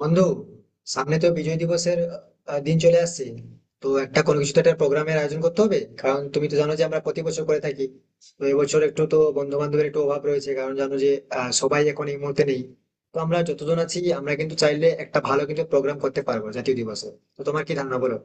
বন্ধু, সামনে তো বিজয় দিবসের দিন চলে আসছে। তো একটা কোনো কিছু তো একটা প্রোগ্রামের আয়োজন করতে হবে, কারণ তুমি তো জানো যে আমরা প্রতি বছর করে থাকি। তো এবছর একটু তো বন্ধু বান্ধবের একটু অভাব রয়েছে, কারণ জানো যে সবাই এখন এই মুহূর্তে নেই। তো আমরা যতজন আছি আমরা কিন্তু চাইলে একটা ভালো কিন্তু প্রোগ্রাম করতে পারবো জাতীয় দিবসে। তো তোমার কি ধারণা বলো?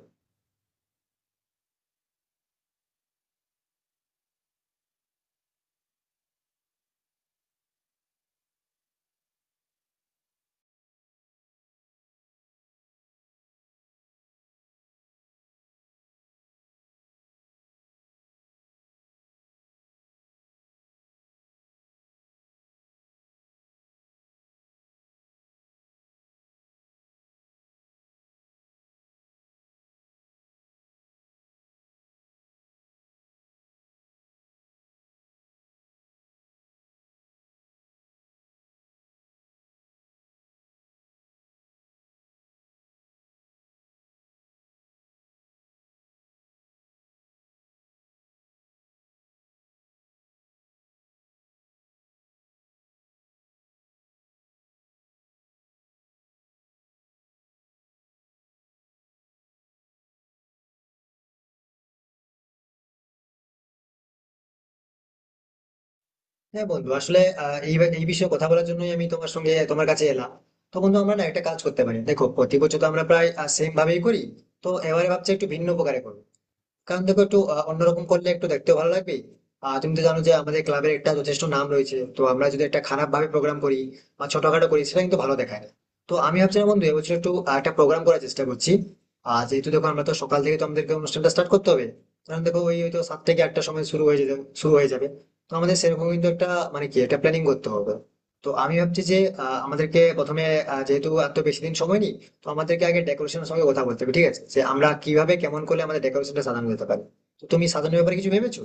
হ্যাঁ বন্ধু, আসলে এই এই বিষয়ে কথা বলার জন্যই আমি তোমার সঙ্গে তোমার কাছে এলাম। তো বন্ধু, আমরা না একটা কাজ করতে পারি। দেখো, প্রতি বছর তো আমরা প্রায় সেম ভাবেই করি। তো এবারে ভাবছি একটু ভিন্ন প্রকারে করবো, কারণ দেখো একটু অন্যরকম করলে একটু দেখতেও ভালো লাগবে। আর তুমি তো জানো যে আমাদের ক্লাবের একটা যথেষ্ট নাম রয়েছে, তো আমরা যদি একটা খারাপ ভাবে প্রোগ্রাম করি বা ছোটখাটো করি সেটা কিন্তু ভালো দেখায় না। তো আমি ভাবছিলাম বন্ধু, এবছর একটু একটা প্রোগ্রাম করার চেষ্টা করছি। আর যেহেতু দেখো আমরা তো সকাল থেকে তো আমাদেরকে অনুষ্ঠানটা স্টার্ট করতে হবে, কারণ দেখো ওই হয়তো সাত থেকে আটটার সময় শুরু হয়ে যাবে। তো আমাদের সেরকম কিন্তু একটা মানে কি একটা প্ল্যানিং করতে হবে। তো আমি ভাবছি যে আমাদেরকে প্রথমে যেহেতু আর তো বেশি দিন সময় নেই, তো আমাদেরকে আগে ডেকোরেশনের সঙ্গে কথা বলতে হবে, ঠিক আছে? যে আমরা কিভাবে কেমন করলে আমাদের ডেকোরেশনটা সাজানো যেতে পারে। তো তুমি সাজানোর ব্যাপারে কিছু ভেবেছো?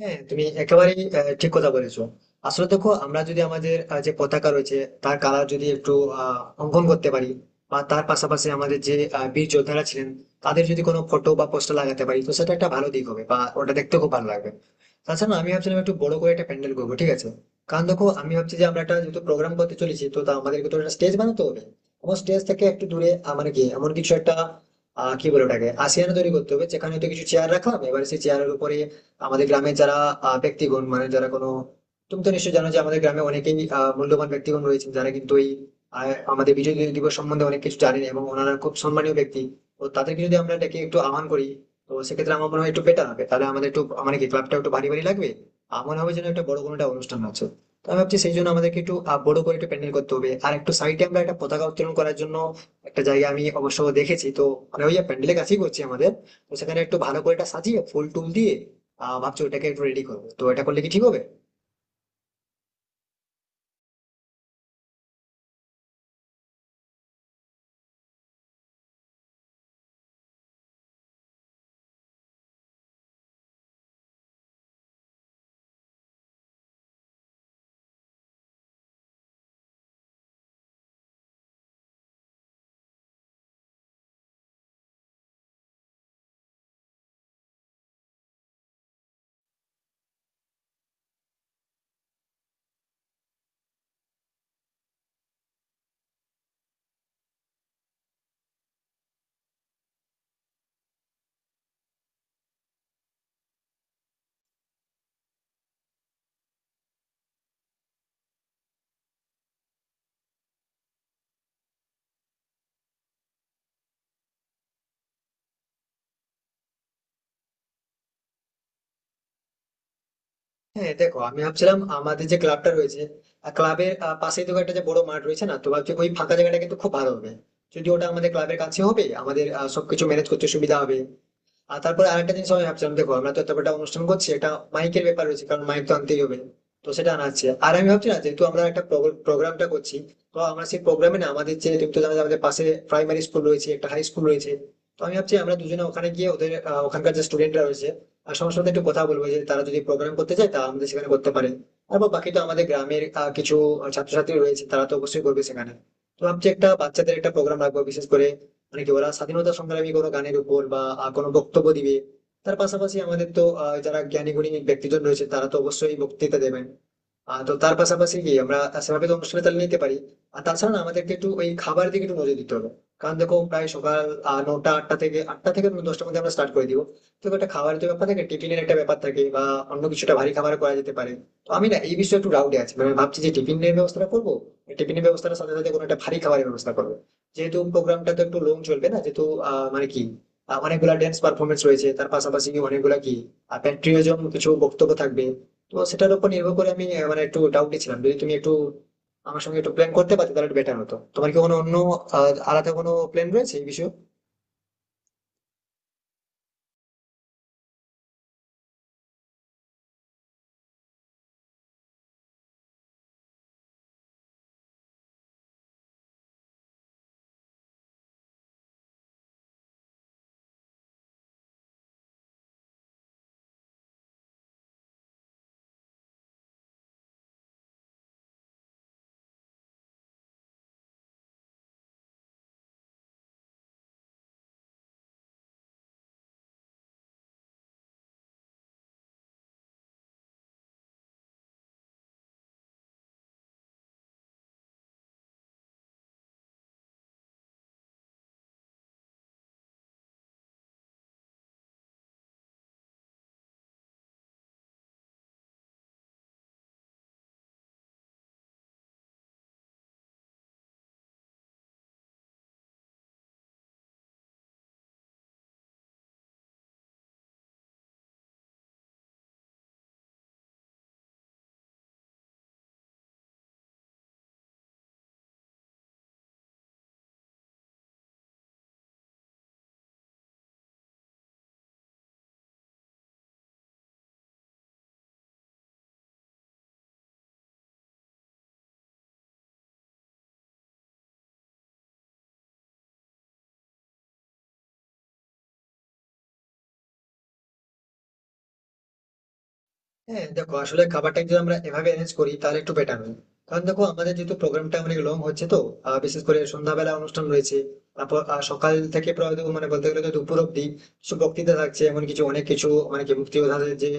হ্যাঁ, তুমি একেবারেই ঠিক কথা বলেছো। আসলে দেখো আমরা যদি আমাদের যে পতাকা রয়েছে তার কালার যদি একটু অঙ্কন করতে পারি, বা তার পাশাপাশি আমাদের যে বীর যোদ্ধারা ছিলেন তাদের যদি কোনো ফটো বা পোস্টার লাগাতে পারি, তো সেটা একটা ভালো দিক হবে বা ওটা দেখতে খুব ভালো লাগবে। তাছাড়া আমি ভাবছিলাম একটু বড় করে একটা প্যান্ডেল করবো, ঠিক আছে? কারণ দেখো আমি ভাবছি যে আমরা একটা যেহেতু প্রোগ্রাম করতে চলেছি, তো তা আমাদেরকে তো একটা স্টেজ বানাতে হবে। আমার স্টেজ থেকে একটু দূরে আমার কি এমন কিছু একটা কি বলে ওটাকে আসিয়ানা তৈরি করতে হবে, যেখানে হয়তো কিছু চেয়ার রাখলাম। এবার সেই চেয়ারের উপরে আমাদের গ্রামে যারা ব্যক্তিগণ মানে যারা কোনো তুমি তো নিশ্চয়ই জানো যে আমাদের গ্রামে অনেকেই মূল্যবান ব্যক্তিগণ রয়েছেন যারা কিন্তু এই আহ, আমাদের বিজয় দিবস সম্বন্ধে অনেক কিছু জানেন, এবং ওনারা খুব সম্মানীয় ব্যক্তি। তো তাদেরকে যদি আমরা ডেকে একটু আহ্বান করি, তো সেক্ষেত্রে আমার মনে হয় একটু বেটার হবে। তাহলে আমাদের একটু মানে কি ক্লাবটা একটু ভারী ভারী লাগবে। আমার মনে হবে যেন একটা বড় কোনো একটা অনুষ্ঠান আছে। তো আমি ভাবছি সেই জন্য আমাদেরকে একটু বড় করে একটু প্যান্ডেল করতে হবে। আর একটু সাইডে আমরা একটা পতাকা উত্তোলন করার জন্য একটা জায়গা আমি অবশ্য দেখেছি, তো মানে ওই প্যান্ডেলের কাছেই করছি আমাদের। তো সেখানে একটু ভালো করে এটা সাজিয়ে ফুল টুল দিয়ে ভাবছি ওটাকে একটু রেডি করবো। তো এটা করলে কি ঠিক হবে? হ্যাঁ দেখো, আমি ভাবছিলাম আমাদের যে ক্লাবটা রয়েছে ক্লাবের পাশেই তো একটা যে বড় মাঠ রয়েছে না, তো ভাবছি ওই ফাঁকা জায়গাটা কিন্তু খুব ভালো হবে। যদি ওটা আমাদের ক্লাবের কাছে হবে আমাদের সবকিছু ম্যানেজ করতে সুবিধা হবে। আর তারপরে আরেকটা জিনিস আমি ভাবছিলাম, দেখো আমরা তো এত বড় একটা অনুষ্ঠান করছি, এটা মাইকের ব্যাপার রয়েছে, কারণ মাইক তো আনতেই হবে। তো সেটা আনা আছে। আর আমি ভাবছি না, যেহেতু আমরা একটা প্রোগ্রামটা করছি, তো আমরা সেই প্রোগ্রামে না আমাদের যে তুমি তো জানো যে আমাদের পাশে প্রাইমারি স্কুল রয়েছে, একটা হাই স্কুল রয়েছে। তো আমি ভাবছি আমরা দুজনে ওখানে গিয়ে ওদের ওখানকার যে স্টুডেন্টরা রয়েছে আর সবার সাথে একটু কথা বলবো, যে তারা যদি প্রোগ্রাম করতে চায় তা আমাদের সেখানে করতে পারে। আর বা বাকি তো আমাদের গ্রামের কিছু ছাত্রছাত্রী রয়েছে, তারা তো অবশ্যই করবে সেখানে। তো ভাবছি একটা বাচ্চাদের একটা প্রোগ্রাম রাখবো, বিশেষ করে মানে কি ওরা স্বাধীনতা সংগ্রামী কোনো গানের উপর বা কোনো বক্তব্য দিবে। তার পাশাপাশি আমাদের তো যারা জ্ঞানী গুণী ব্যক্তিজন রয়েছে তারা তো অবশ্যই বক্তৃতা দেবেন। তো তার পাশাপাশি কি আমরা সেভাবে তো অনুষ্ঠানে তাহলে নিতে পারি। আর তাছাড়া না আমাদেরকে একটু ওই খাবার দিকে একটু নজর দিতে হবে, কারণ দেখো প্রায় সকাল নটা আটটা থেকে আটটা থেকে দশটার মধ্যে আমরা স্টার্ট করে দিব। তো একটা খাবারের তো ব্যাপার থাকে, টিফিনের একটা ব্যাপার থাকে, বা অন্য কিছুটা ভারী খাবার করা যেতে পারে। তো আমি না এই বিষয়ে একটু ডাউটে আছি, মানে ভাবছি যে টিফিনের ব্যবস্থাটা করবো, টিফিনের ব্যবস্থার সাথে সাথে কোনো একটা ভারী খাবারের ব্যবস্থা করবো, যেহেতু প্রোগ্রামটা তো একটু লং চলবে না যেহেতু মানে কি অনেকগুলা ড্যান্স পারফরমেন্স রয়েছে, তার পাশাপাশি অনেকগুলা কি প্যাট্রিয়টিজম কিছু বক্তব্য থাকবে। তো সেটার উপর নির্ভর করে আমি মানে একটু ডাউটে ছিলাম, যদি তুমি একটু আমার সঙ্গে একটু প্ল্যান করতে পারতে তাহলে একটু বেটার হতো। তোমার কি কোনো অন্য আলাদা কোনো প্ল্যান রয়েছে এই বিষয়ে? হ্যাঁ দেখো, আসলে খাবারটা যদি আমরা এভাবে অ্যারেঞ্জ করি তাহলে একটু বেটার হয়। কারণ দেখো আমাদের যেহেতু প্রোগ্রামটা অনেক লং হচ্ছে, তো বিশেষ করে সন্ধ্যাবেলা অনুষ্ঠান রয়েছে। তারপর সকাল থেকে প্রায় তো মানে বলতে গেলে তো দুপুর অব্দি কিছু বক্তৃতা থাকছে, এমন কিছু অনেক কিছু মানে কি মুক্তিযোদ্ধাদের যে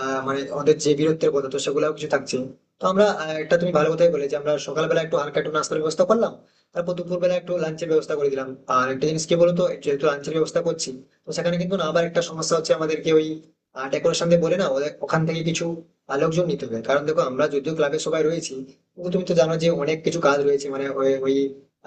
মানে ওদের যে বীরত্বের কথা, তো সেগুলাও কিছু থাকছে। তো আমরা একটা তুমি ভালো কথাই বলে যে আমরা সকালবেলা একটু হালকা একটু নাস্তার ব্যবস্থা করলাম, তারপর দুপুরবেলা একটু লাঞ্চের ব্যবস্থা করে দিলাম। আর একটা জিনিস কি বলতো, যেহেতু লাঞ্চের ব্যবস্থা করছি, তো সেখানে কিন্তু না আবার একটা সমস্যা হচ্ছে, আমাদেরকে ওই ডেকোরেশন দিয়ে বলে না ওদের ওখান থেকে কিছু লোকজন নিতে হবে। কারণ দেখো আমরা যদিও ক্লাবের সবাই রয়েছি, কিন্তু তুমি তো জানো যে অনেক কিছু কাজ রয়েছে, মানে ওই ওই,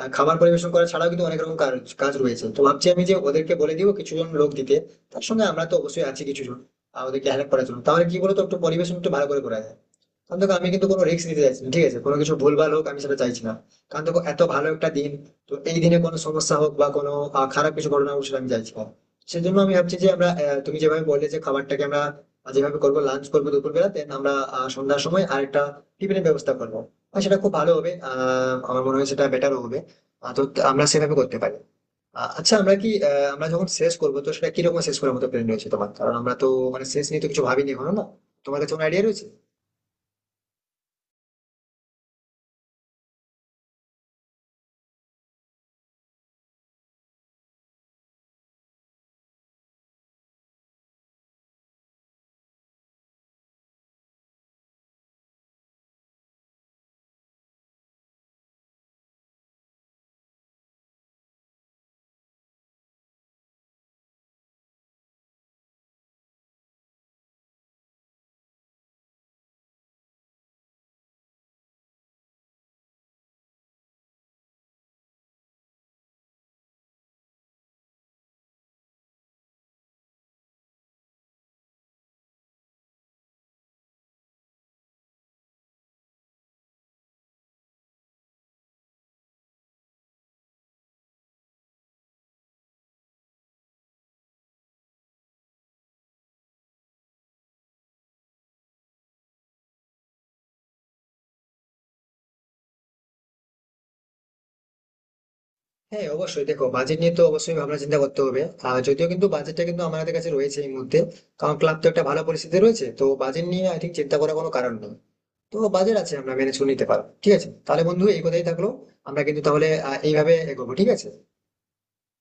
খাবার পরিবেশন করা ছাড়াও কিন্তু অনেক রকম কাজ কাজ রয়েছে। তো ভাবছি আমি যে ওদেরকে বলে দিব কিছু জন লোক দিতে। তার সঙ্গে আমরা তো অবশ্যই আছি কিছু জন ওদেরকে হেল্প করার জন্য। তাহলে কি বলতো একটু পরিবেশন একটু ভালো করে করা যায়। কারণ দেখো আমি কিন্তু কোনো রিস্ক নিতে চাইছি না, ঠিক আছে? কোনো কিছু ভুলভাল হোক আমি সেটা চাইছি না। কারণ দেখো এত ভালো একটা দিন, তো এই দিনে কোনো সমস্যা হোক বা কোনো খারাপ কিছু ঘটনা হোক সেটা আমি চাইছি না। সেজন্য আমি ভাবছি যে আমরা তুমি যেভাবে বললে যে খাবারটাকে আমরা যেভাবে করবো, লাঞ্চ করবো দুপুরবেলা, দেন আমরা সন্ধ্যার সময় আরেকটা টিফিনের ব্যবস্থা করবো। আর সেটা খুব ভালো হবে, আমার মনে হয় সেটা বেটারও হবে। তো আমরা সেভাবে করতে পারি। আচ্ছা, আমরা কি আমরা যখন শেষ করবো তো সেটা কিরকম শেষ করার মতো প্ল্যান রয়েছে তোমার? কারণ আমরা তো মানে শেষ নিয়ে তো কিছু ভাবিনি এখনো না। তোমার কাছে কোনো আইডিয়া রয়েছে? হ্যাঁ অবশ্যই, দেখো বাজেট নিয়ে তো অবশ্যই ভাবনা চিন্তা করতে হবে। আর যদিও কিন্তু বাজেটটা কিন্তু আমাদের কাছে রয়েছে এই মুহূর্তে, কারণ ক্লাব তো একটা ভালো পরিস্থিতি রয়েছে। তো বাজেট নিয়ে আই থিঙ্ক চিন্তা করার কোনো কারণ নেই। তো বাজেট আছে, আমরা ম্যানেজ করে নিতে পারবো। ঠিক আছে তাহলে বন্ধু, এই কথাই থাকলো। আমরা কিন্তু তাহলে এইভাবে এগোবো, ঠিক আছে।